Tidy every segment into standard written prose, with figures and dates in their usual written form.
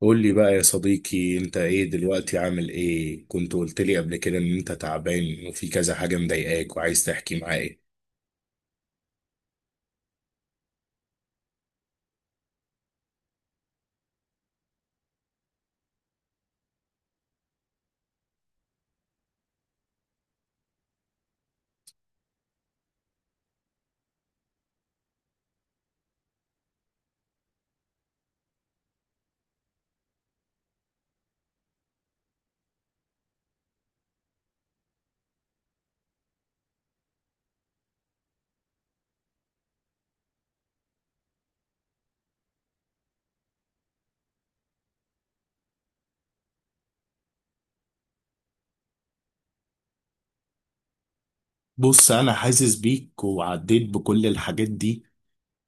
قول لي بقى يا صديقي، انت ايه دلوقتي؟ عامل ايه؟ كنت قلت لي قبل كده ان انت تعبان وفي كذا حاجة مضايقاك وعايز تحكي معايا. بص، انا حاسس بيك وعديت بكل الحاجات دي،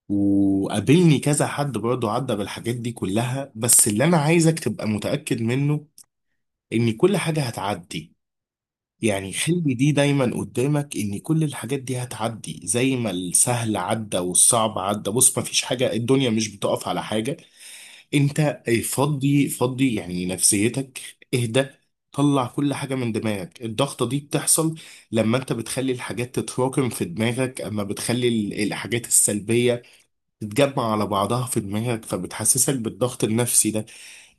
وقابلني كذا حد برضه عدى بالحاجات دي كلها. بس اللي انا عايزك تبقى متأكد منه ان كل حاجة هتعدي. يعني خلي دي دايما قدامك، ان كل الحاجات دي هتعدي زي ما السهل عدى والصعب عدى. بص، مفيش حاجة، الدنيا مش بتقف على حاجة. انت فضي فضي يعني نفسيتك، اهدى، طلع كل حاجة من دماغك. الضغطة دي بتحصل لما انت بتخلي الحاجات تتراكم في دماغك، اما بتخلي الحاجات السلبية تتجمع على بعضها في دماغك، فبتحسسك بالضغط النفسي ده،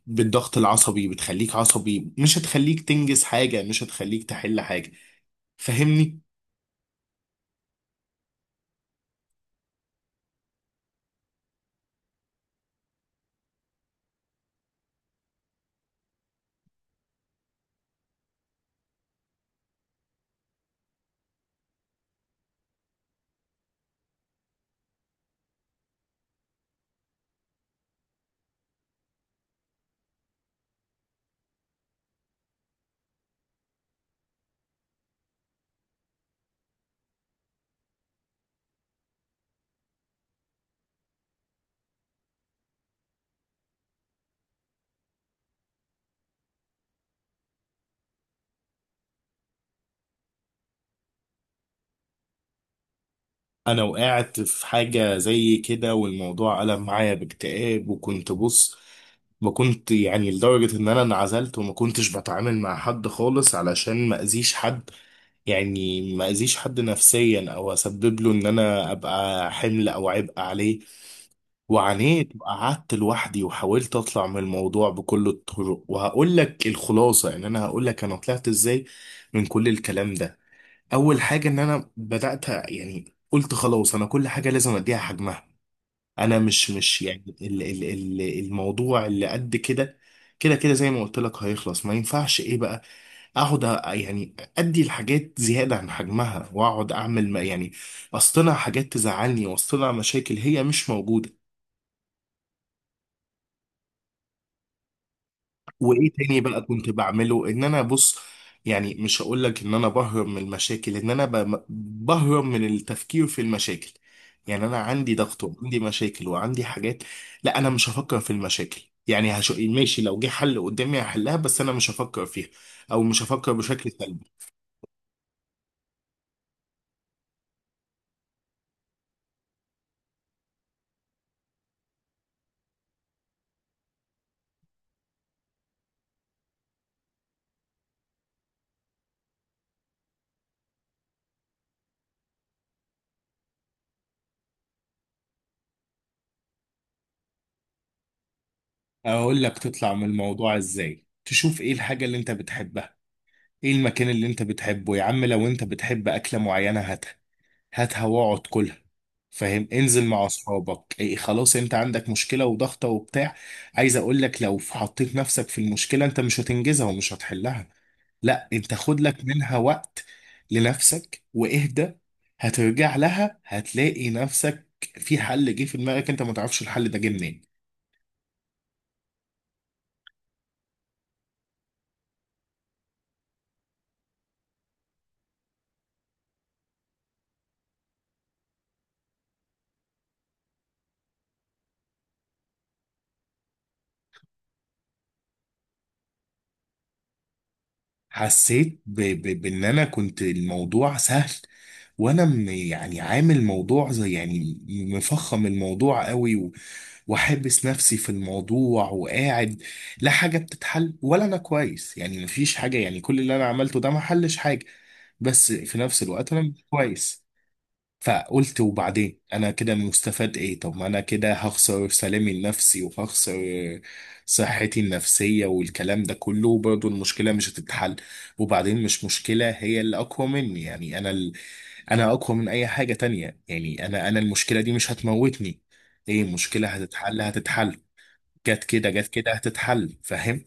بالضغط العصبي، بتخليك عصبي، مش هتخليك تنجز حاجة، مش هتخليك تحل حاجة. فاهمني؟ انا وقعت في حاجة زي كده والموضوع قلب معايا باكتئاب، وكنت بص، ما كنت يعني لدرجة ان انا انعزلت وما كنتش بتعامل مع حد خالص علشان ما اذيش حد، يعني ما اذيش حد نفسيا او اسبب له ان انا ابقى حمل او عبء عليه. وعانيت وقعدت لوحدي وحاولت اطلع من الموضوع بكل الطرق. وهقول لك الخلاصة، يعني انا هقول لك انا طلعت ازاي من كل الكلام ده. اول حاجه ان انا بدات يعني قلت خلاص، انا كل حاجه لازم اديها حجمها. انا مش يعني ال الموضوع اللي قد كده، كده كده زي ما قلت لك هيخلص. ما ينفعش ايه بقى، اقعد يعني ادي الحاجات زياده عن حجمها، واقعد اعمل ما يعني اصطنع حاجات تزعلني واصطنع مشاكل هي مش موجوده. وايه تاني بقى كنت بعمله؟ ان انا بص، يعني مش هقول لك ان انا بهرب من المشاكل، ان انا بهرب من التفكير في المشاكل. يعني انا عندي ضغط وعندي مشاكل وعندي حاجات، لا انا مش هفكر في المشاكل. يعني ماشي، لو جه حل قدامي هحلها، بس انا مش هفكر فيها، او مش هفكر بشكل سلبي. اقول لك تطلع من الموضوع ازاي، تشوف ايه الحاجة اللي انت بتحبها، ايه المكان اللي انت بتحبه يا عم. لو انت بتحب اكلة معينة هاتها واقعد كلها، فاهم؟ انزل مع اصحابك. إيه، خلاص، انت عندك مشكله وضغطه وبتاع، عايز اقول لك لو حطيت نفسك في المشكله انت مش هتنجزها ومش هتحلها. لا، انت خد لك منها وقت لنفسك واهدى، هترجع لها هتلاقي نفسك في حل جه في دماغك، انت ما تعرفش الحل ده جه منين. حسيت بان انا كنت الموضوع سهل، وانا يعني عامل موضوع زي يعني مفخم الموضوع قوي، واحبس نفسي في الموضوع وقاعد. لا حاجة بتتحل ولا انا كويس، يعني مفيش حاجة، يعني كل اللي انا عملته ده ما حلش حاجة، بس في نفس الوقت انا مش كويس. فقلت وبعدين انا كده مستفاد ايه؟ طب ما انا كده هخسر سلامي النفسي، وهخسر صحتي النفسية والكلام ده كله، وبرضه المشكلة مش هتتحل. وبعدين مش مشكلة هي اللي اقوى مني، يعني انا انا اقوى من اي حاجة تانية. يعني انا، انا المشكلة دي مش هتموتني. ايه، المشكلة هتتحل هتتحل، جت كده جت كده هتتحل، فاهم؟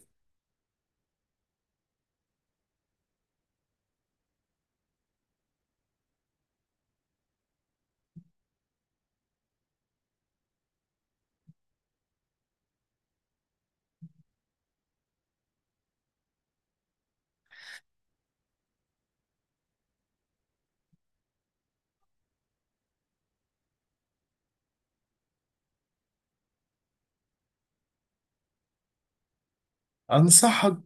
انصحك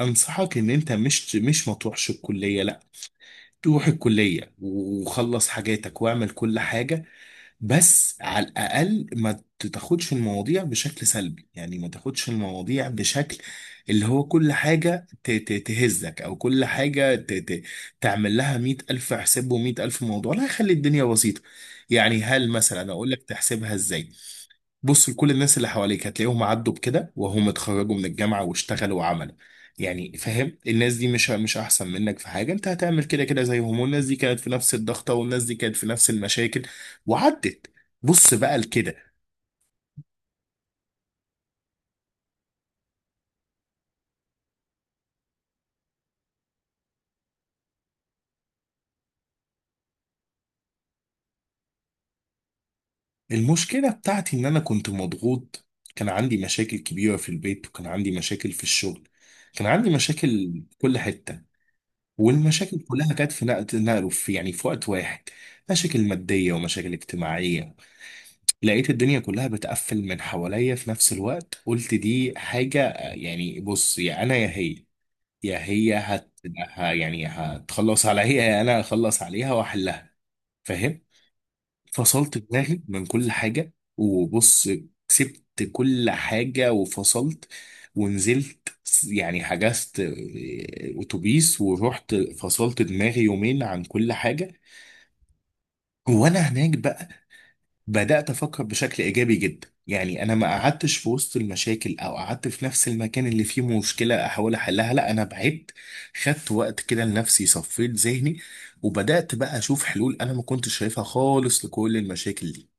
انصحك ان انت مش ما تروحش الكليه، لا، تروح الكليه وخلص حاجاتك واعمل كل حاجه. بس على الاقل ما تاخدش المواضيع بشكل سلبي، يعني ما تاخدش المواضيع بشكل اللي هو كل حاجه تهزك، او كل حاجه تعمل لها مية الف حساب ومية الف موضوع. لا، خلي الدنيا بسيطه. يعني هل مثلا اقول لك تحسبها ازاي؟ بص، لكل الناس اللي حواليك هتلاقيهم عدوا بكده، وهم اتخرجوا من الجامعة واشتغلوا وعملوا. يعني فاهم، الناس دي مش احسن منك في حاجة، انت هتعمل كده كده زيهم. والناس دي كانت في نفس الضغطة، والناس دي كانت في نفس المشاكل، وعدت. بص بقى لكده، المشكلة بتاعتي ان انا كنت مضغوط، كان عندي مشاكل كبيرة في البيت، وكان عندي مشاكل في الشغل، كان عندي مشاكل في كل حتة، والمشاكل كلها كانت في في يعني في وقت واحد، مشاكل مادية ومشاكل اجتماعية. لقيت الدنيا كلها بتقفل من حواليا في نفس الوقت. قلت دي حاجة، يعني بص، يا أنا يا هي، يا هي يعني هتخلص عليا، يا أنا هخلص عليها وأحلها، فاهم؟ فصلت دماغي من كل حاجة وبص، سبت كل حاجة وفصلت، ونزلت. يعني حجزت أتوبيس ورحت فصلت دماغي يومين عن كل حاجة. وأنا هناك بقى بدأت أفكر بشكل إيجابي جدا. يعني أنا ما قعدتش في وسط المشاكل، أو قعدت في نفس المكان اللي فيه مشكلة أحاول أحلها، لا، أنا بعدت، خدت وقت كده لنفسي، صفيت ذهني، وبدأت بقى أشوف حلول أنا ما كنتش شايفها خالص لكل المشاكل دي.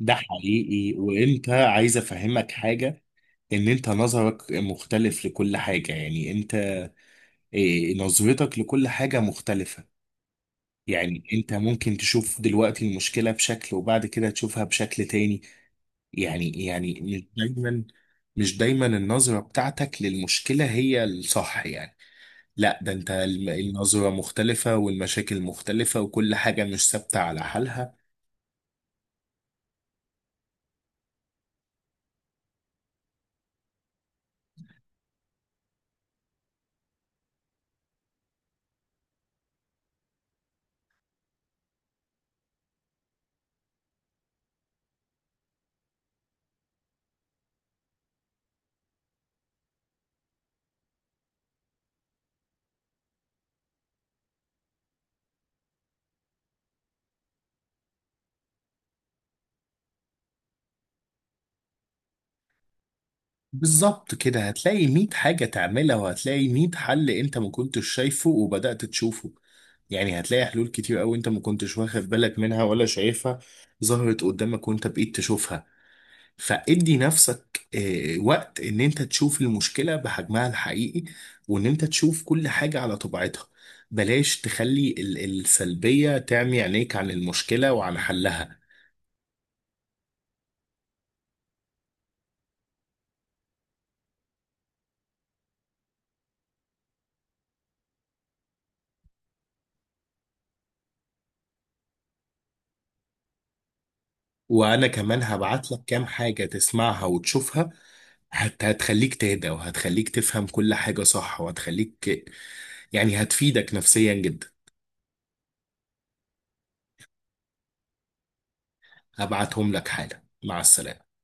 ده حقيقي. وأنت عايز أفهمك حاجة، إن أنت نظرك مختلف لكل حاجة. يعني أنت نظرتك لكل حاجة مختلفة. يعني أنت ممكن تشوف دلوقتي المشكلة بشكل، وبعد كده تشوفها بشكل تاني. يعني، يعني مش دايما، مش دايما النظرة بتاعتك للمشكلة هي الصح. يعني لا، ده انت النظرة مختلفة، والمشاكل مختلفة، وكل حاجة مش ثابتة على حالها. بالظبط كده، هتلاقي مية حاجة تعملها، وهتلاقي مية حل انت ما كنتش شايفه وبدأت تشوفه. يعني هتلاقي حلول كتير قوي انت ما كنتش واخد بالك منها ولا شايفها، ظهرت قدامك وانت بقيت تشوفها. فادي نفسك وقت ان انت تشوف المشكلة بحجمها الحقيقي، وان انت تشوف كل حاجة على طبيعتها. بلاش تخلي السلبية تعمي عينيك عن المشكلة وعن حلها. وانا كمان هبعت لك كام حاجة تسمعها وتشوفها، هتخليك تهدى، وهتخليك تفهم كل حاجة صح، وهتخليك يعني هتفيدك نفسيا جدا. هبعتهم لك حالا، مع السلامة.